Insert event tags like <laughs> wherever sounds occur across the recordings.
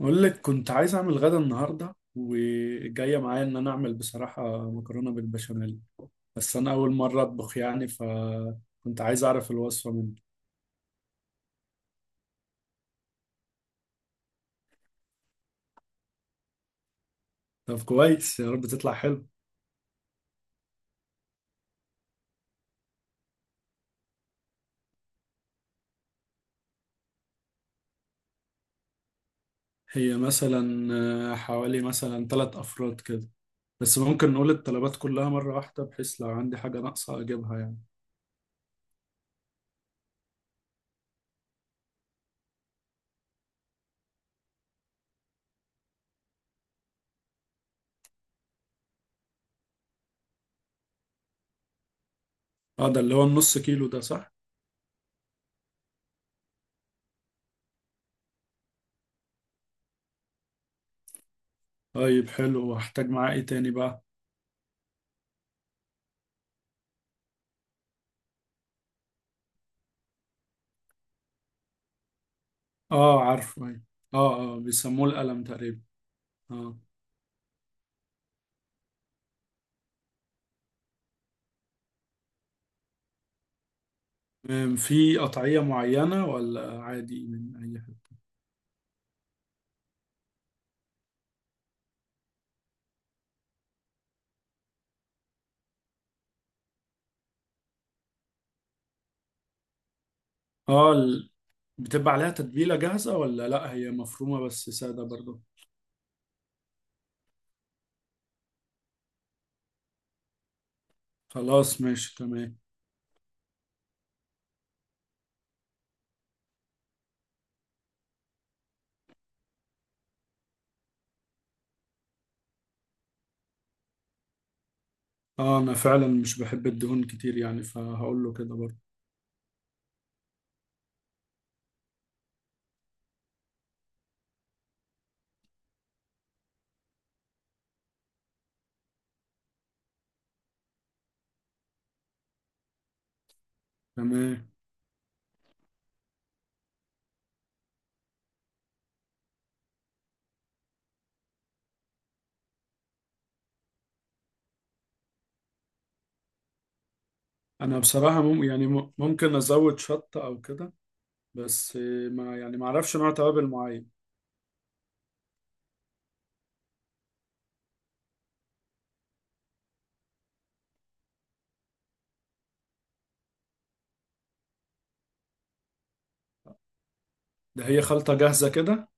أقول لك كنت عايز أعمل غدا النهاردة وجاية معايا إن أنا أعمل بصراحة مكرونة بالبشاميل. بس أنا أول مرة أطبخ يعني فكنت عايز أعرف الوصفة منك. طب كويس يا رب تطلع حلو. هي مثلا حوالي مثلا 3 أفراد كده. بس ممكن نقول الطلبات كلها مرة واحدة بحيث لو عندي حاجة ناقصة أجيبها يعني. أه ده اللي هو النص كيلو ده صح؟ طيب حلو وهحتاج معاه إيه تاني بقى؟ أه، عارفه، أيوة. أه، أه، بيسموه القلم تقريبا. أه. في قطعية معينة ولا عادي من أي حاجة؟ اه ال- بتبقى عليها تتبيلة جاهزة ولا لأ، هي مفرومة بس سادة برضه؟ خلاص، ماشي تمام. اه، أنا فعلا مش بحب الدهون كتير يعني فهقول له كده برضه. تمام. أنا بصراحة ممكن أزود شطة أو كده. بس ما يعني ما أعرفش نوع توابل معين. ده هي خلطة جاهزة كده؟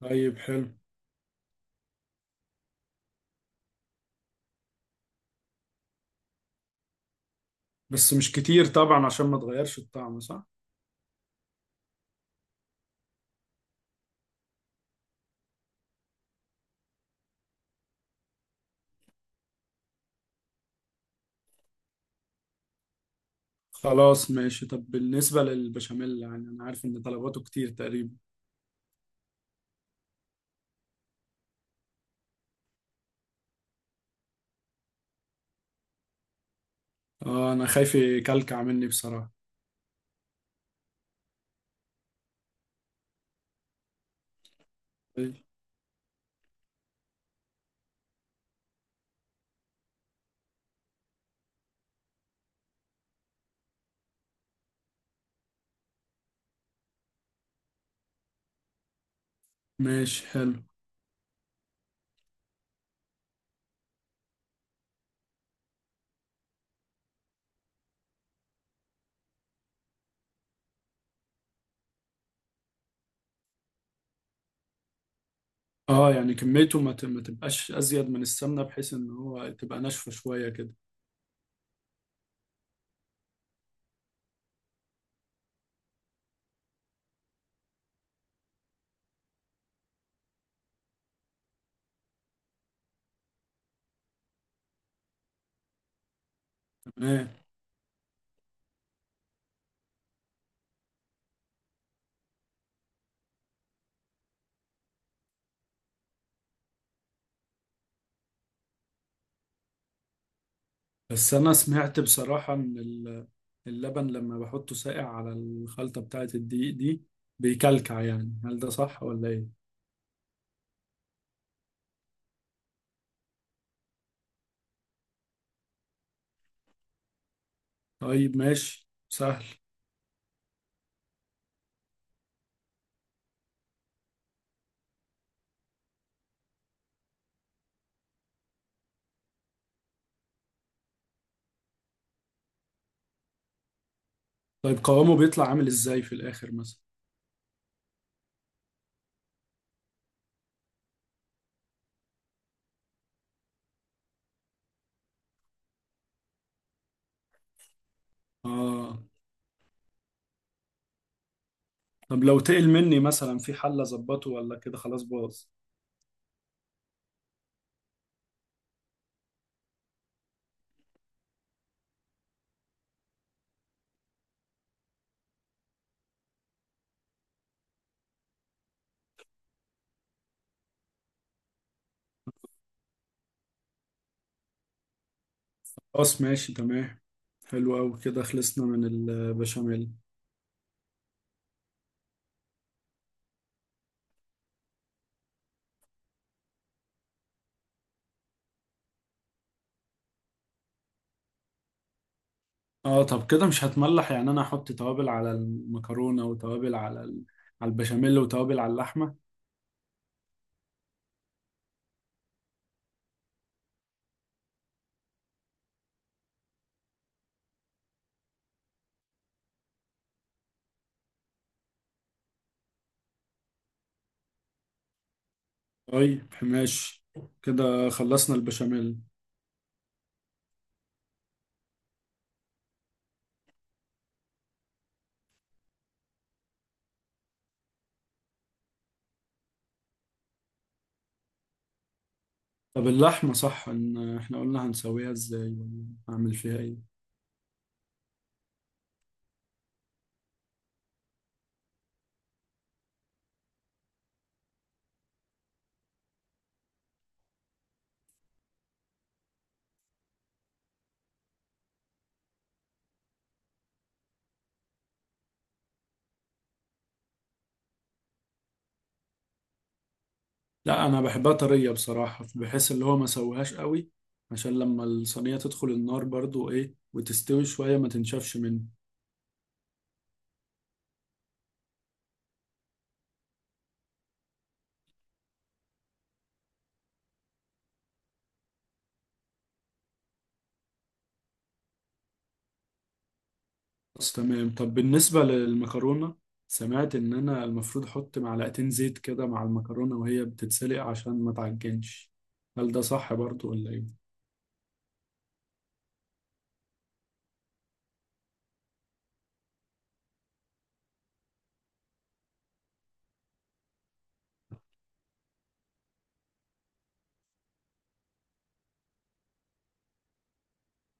طيب حلو. بس مش كتير طبعا عشان ما تغيرش الطعم صح؟ خلاص ماشي. طب بالنسبة للبشاميل يعني أنا عارف إن طلباته كتير تقريبا. اه، انا خايف يكلكع مني بصراحة. ماشي حلو. اه، يعني كميته ما تبقاش ازيد من السمنة بحيث ان هو تبقى ناشفة شوية كده. تمام. بس انا سمعت بصراحة اللبن لما بحطه ساقع على الخلطة بتاعة الدقيق دي بيكلكع يعني، هل ده صح ولا ايه؟ طيب ماشي سهل. طيب قوامه بيطلع عامل ازاي في الاخر مثلا؟ اه. طب لو تقل مني مثلا في حل اظبطه ولا كده خلاص باظ؟ خلاص ماشي تمام. حلو أوي كده، خلصنا من البشاميل. اه، طب كده مش هتملح؟ يعني انا احط توابل على المكرونة وتوابل على البشاميل وتوابل على اللحمة. طيب ماشي، كده خلصنا البشاميل. طب اللحمة، صح ان احنا قلنا هنسويها ازاي ولا هعمل فيها ايه؟ لا، انا بحبها طرية بصراحة، بحيث اللي هو ما سويهاش قوي. عشان لما الصينية تدخل النار برضو ايه وتستوي شوية ما تنشفش منه. بس تمام. طب بالنسبة للمكرونة، سمعت إن أنا المفروض أحط معلقتين زيت كده مع المكرونة وهي بتتسلق عشان ما تعجنش. هل ده صح برضو ولا إيه؟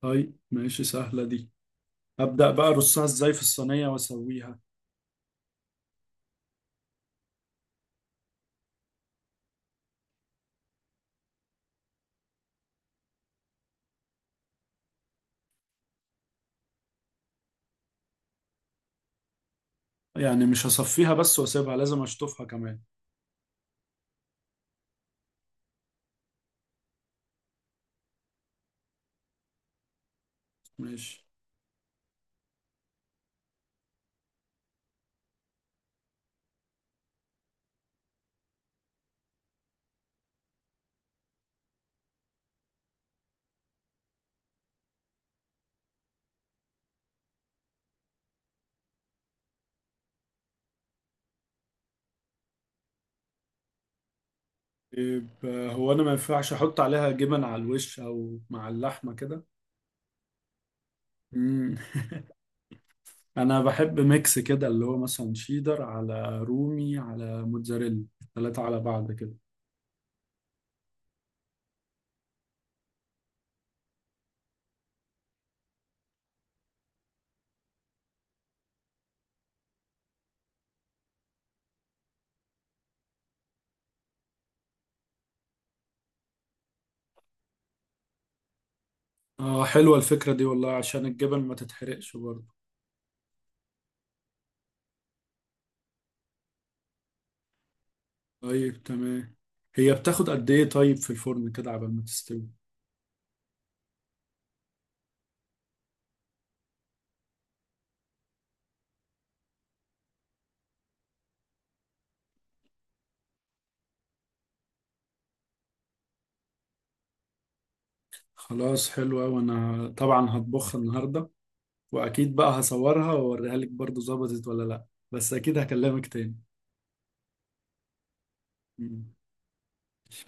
طيب ماشي سهلة دي. أبدأ بقى أرصها إزاي في الصينية وأسويها؟ يعني مش هصفيها بس وأسيبها، لازم أشطفها كمان؟ ماشي. طيب هو أنا ما ينفعش أحط عليها جبن على الوش أو مع اللحمة كده؟ مم. <laughs> انا بحب ميكس كده، اللي هو مثلا شيدر على رومي على موتزاريلا، 3 على بعض كده. اه، حلوة الفكرة دي والله عشان الجبن ما تتحرقش برضه. طيب تمام. هي بتاخد قد ايه طيب في الفرن كده عبال ما تستوي؟ خلاص حلوة، وانا طبعا هطبخها النهاردة. واكيد بقى هصورها واوريها لك برضه ظبطت ولا لا. بس اكيد هكلمك تاني. مم.